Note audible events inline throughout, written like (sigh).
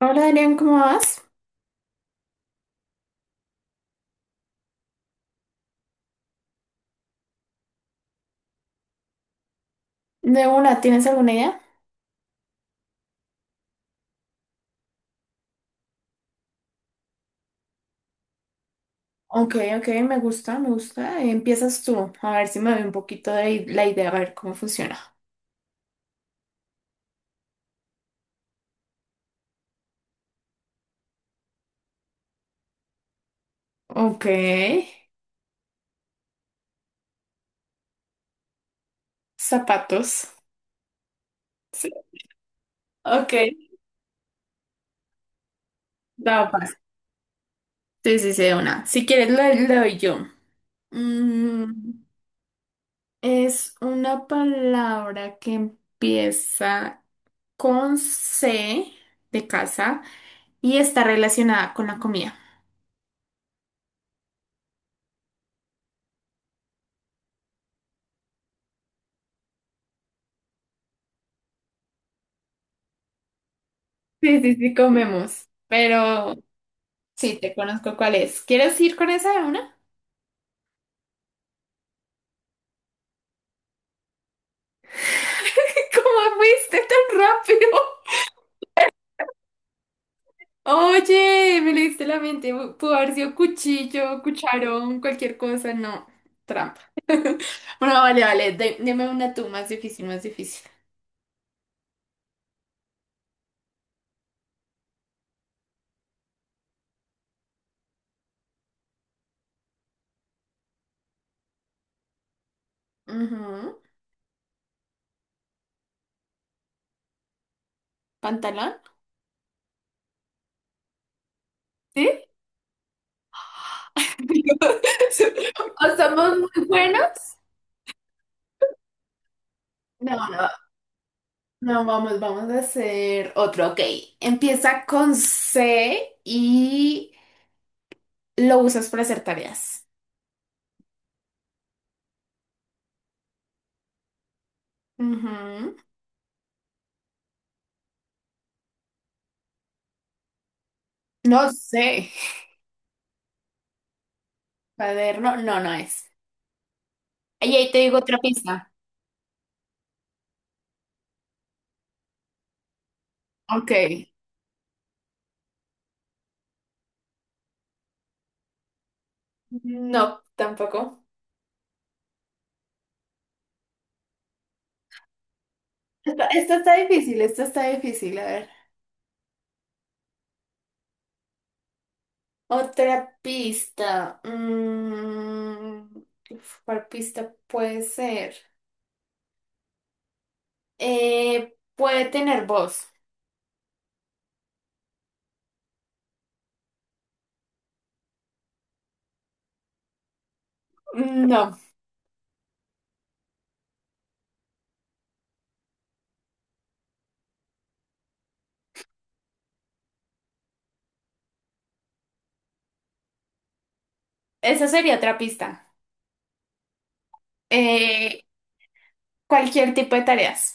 Hola Adrián, ¿cómo vas? De una, ¿tienes alguna idea? Ok, ok, me gusta, me gusta. Empiezas tú, a ver si me doy un poquito de la idea, a ver cómo funciona. Ok, zapatos. Sí. Ok, tapas. Sí, sí, sí, de una. Si quieres, la le doy yo. Mm, es una palabra que empieza con C de casa y está relacionada con la comida. Sí, sí, sí, comemos, pero. Sí, te conozco cuál es. ¿Quieres ir con esa de una? (laughs) ¿Cómo fuiste tan rápido? Oye, me leíste la mente. Pudo haber sido cuchillo, cucharón, cualquier cosa. No, trampa. (laughs) Bueno, vale, vale. Deme una tú más difícil, más difícil. Ujú. ¿Pantalón? ¿Sí? (laughs) ¿O somos muy buenos? No, no, no, vamos, vamos a hacer otro. Ok, empieza con C y lo usas para hacer tareas. Ujú. No sé. Cuaderno, no, no es. Y ahí te digo otra pista. Ok. No, tampoco. Esta está difícil, esta está difícil. A ver. Otra pista. Uf, ¿cuál pista puede ser? Puede tener voz. No, esa sería otra pista. Eh, Cualquier tipo de tareas.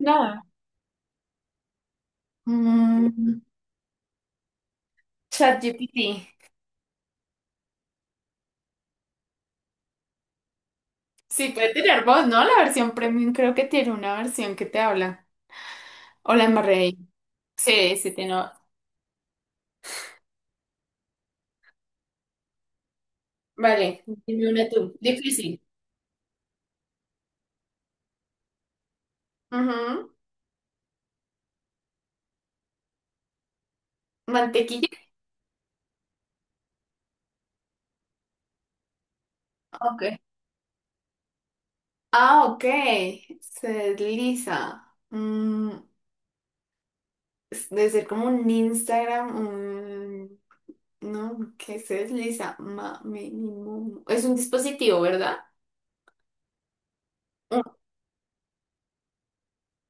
Nada. Mm, ChatGPT. Sí, puede tener voz, ¿no? La versión premium creo que tiene una versión que te habla. Hola, Marrey. Sí, sí, tiene. Vale, dime una tú. Difícil. Ujú. Mantequilla. Ok. Ah, ok. Se desliza. Debe ser como un Instagram, un... No, que se desliza. Es un dispositivo, ¿verdad? Un-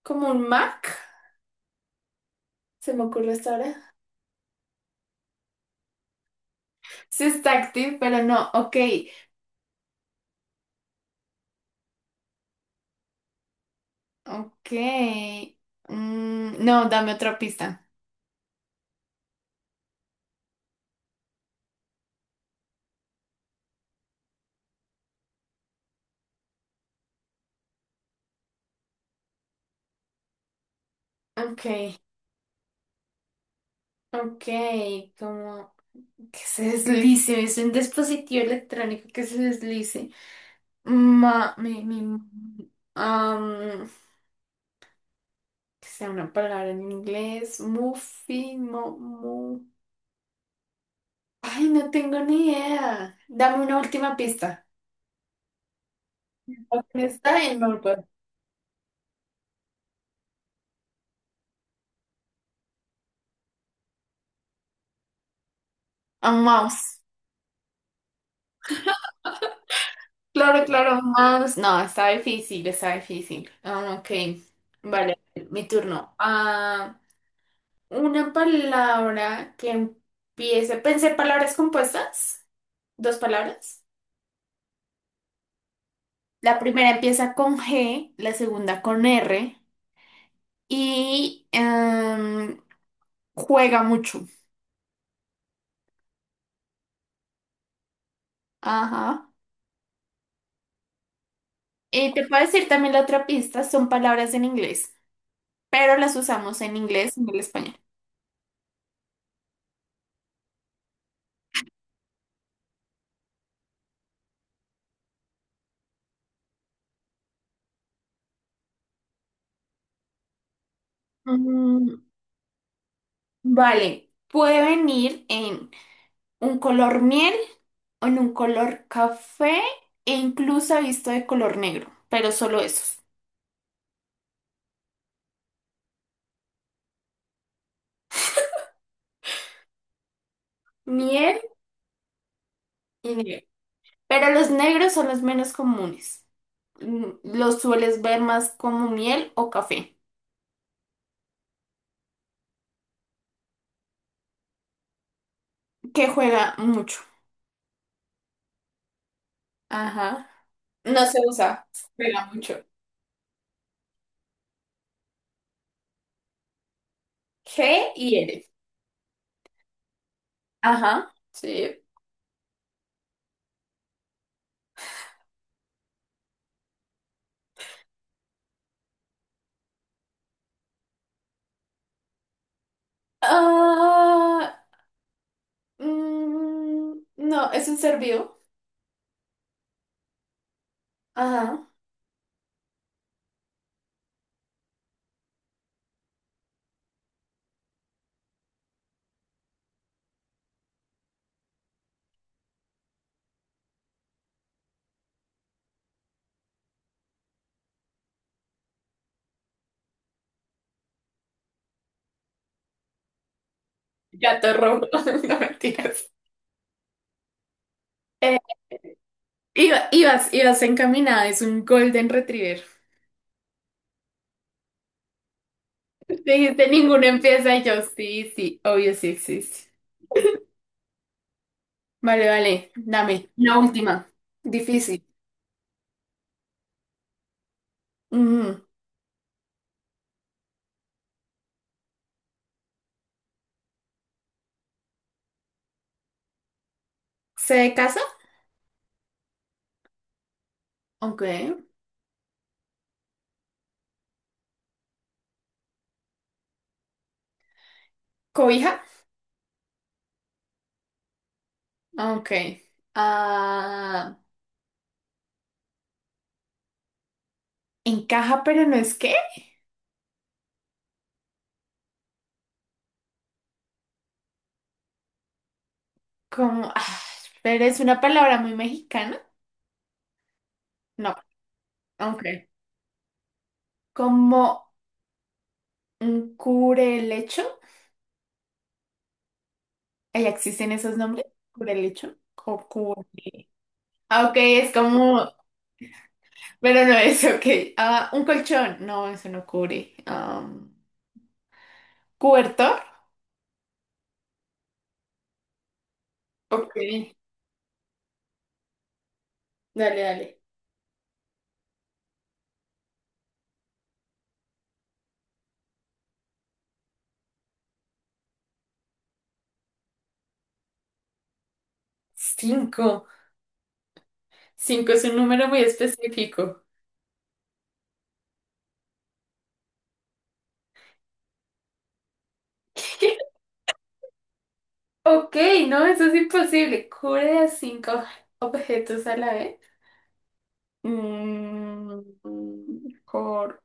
Como un Mac, se me ocurre hasta ahora. Sí está activo, pero no, ok. Ok. No, dame otra pista. Ok, ok, como que se deslice, es un dispositivo electrónico que se deslice. Ma, mi, am, que sea una palabra en inglés, muffin, mo, mu. Ay, no tengo ni idea. Dame una última pista. Lo que está en Melbourne. A mouse. Claro, claro, más. No, está difícil, está difícil. Ah, ok, vale, mi turno. Ah, una palabra que empiece. Pensé palabras compuestas, dos palabras. La primera empieza con G, la segunda con R y juega mucho. Ajá. Y te puedo decir también la otra pista, son palabras en inglés, pero las usamos en inglés y en el español. Mm, vale, puede venir en un color miel, en un color café e incluso he visto de color negro, pero solo esos, miel y negro. Pero los negros son los menos comunes. Los sueles ver más como miel o café, que juega mucho. Ajá. No se usa, juega mucho. G y L. Ajá, sí. Ah, no, es un ser vivo. Ajá. Gato rojo, (laughs) no mentiras. Ibas encaminada, es un Golden Retriever. (laughs) Dijiste, ninguno empieza y yo, sí, sí, obvio sí existe. Vale, vale, dame, la última. Difícil. Ujú. ¿Se de casa? Ok. ¿Cobija? Ok. Ah, ¿encaja pero no es qué? Como, ah, pero es una palabra muy mexicana. No, ok. ¿Como un cubrelecho? ¿Ya existen esos nombres? ¿Cubrelecho? ¿O cubre? Ah, ok, es como. Pero no es, ok. Ah, un colchón. No, eso no cubre. ¿Cobertor? Ok, dale, dale. Cinco. Cinco es un número muy específico. (laughs) Ok, no, eso es imposible. Cubre a cinco objetos a la vez. Mm, cor-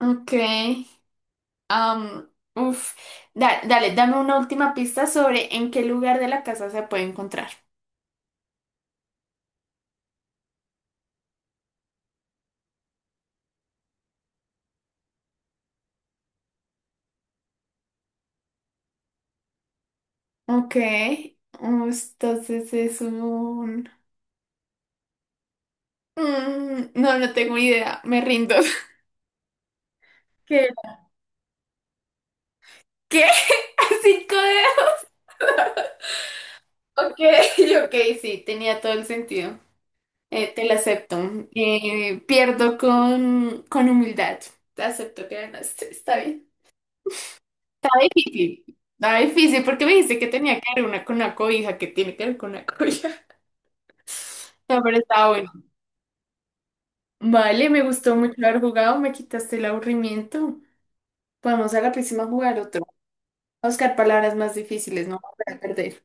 Ok. Uf. Dame una última pista sobre en qué lugar de la casa se puede encontrar. Ok. Entonces es un... No, no tengo idea. Me rindo. (laughs) ¿Qué? ¿Qué? (laughs) ¿Cinco dedos? Ok, (laughs) ok, sí, tenía todo el sentido. Te lo acepto. Pierdo con humildad. Te acepto que ganaste. Está bien. Difícil. Estaba difícil porque me dijiste que tenía que ver una con una cobija, que tiene que ver con una cobija. (laughs) No, pero estaba bueno. Vale, me gustó mucho haber jugado, me quitaste el aburrimiento. Vamos a la próxima a jugar otro. A buscar palabras más difíciles, no voy a perder.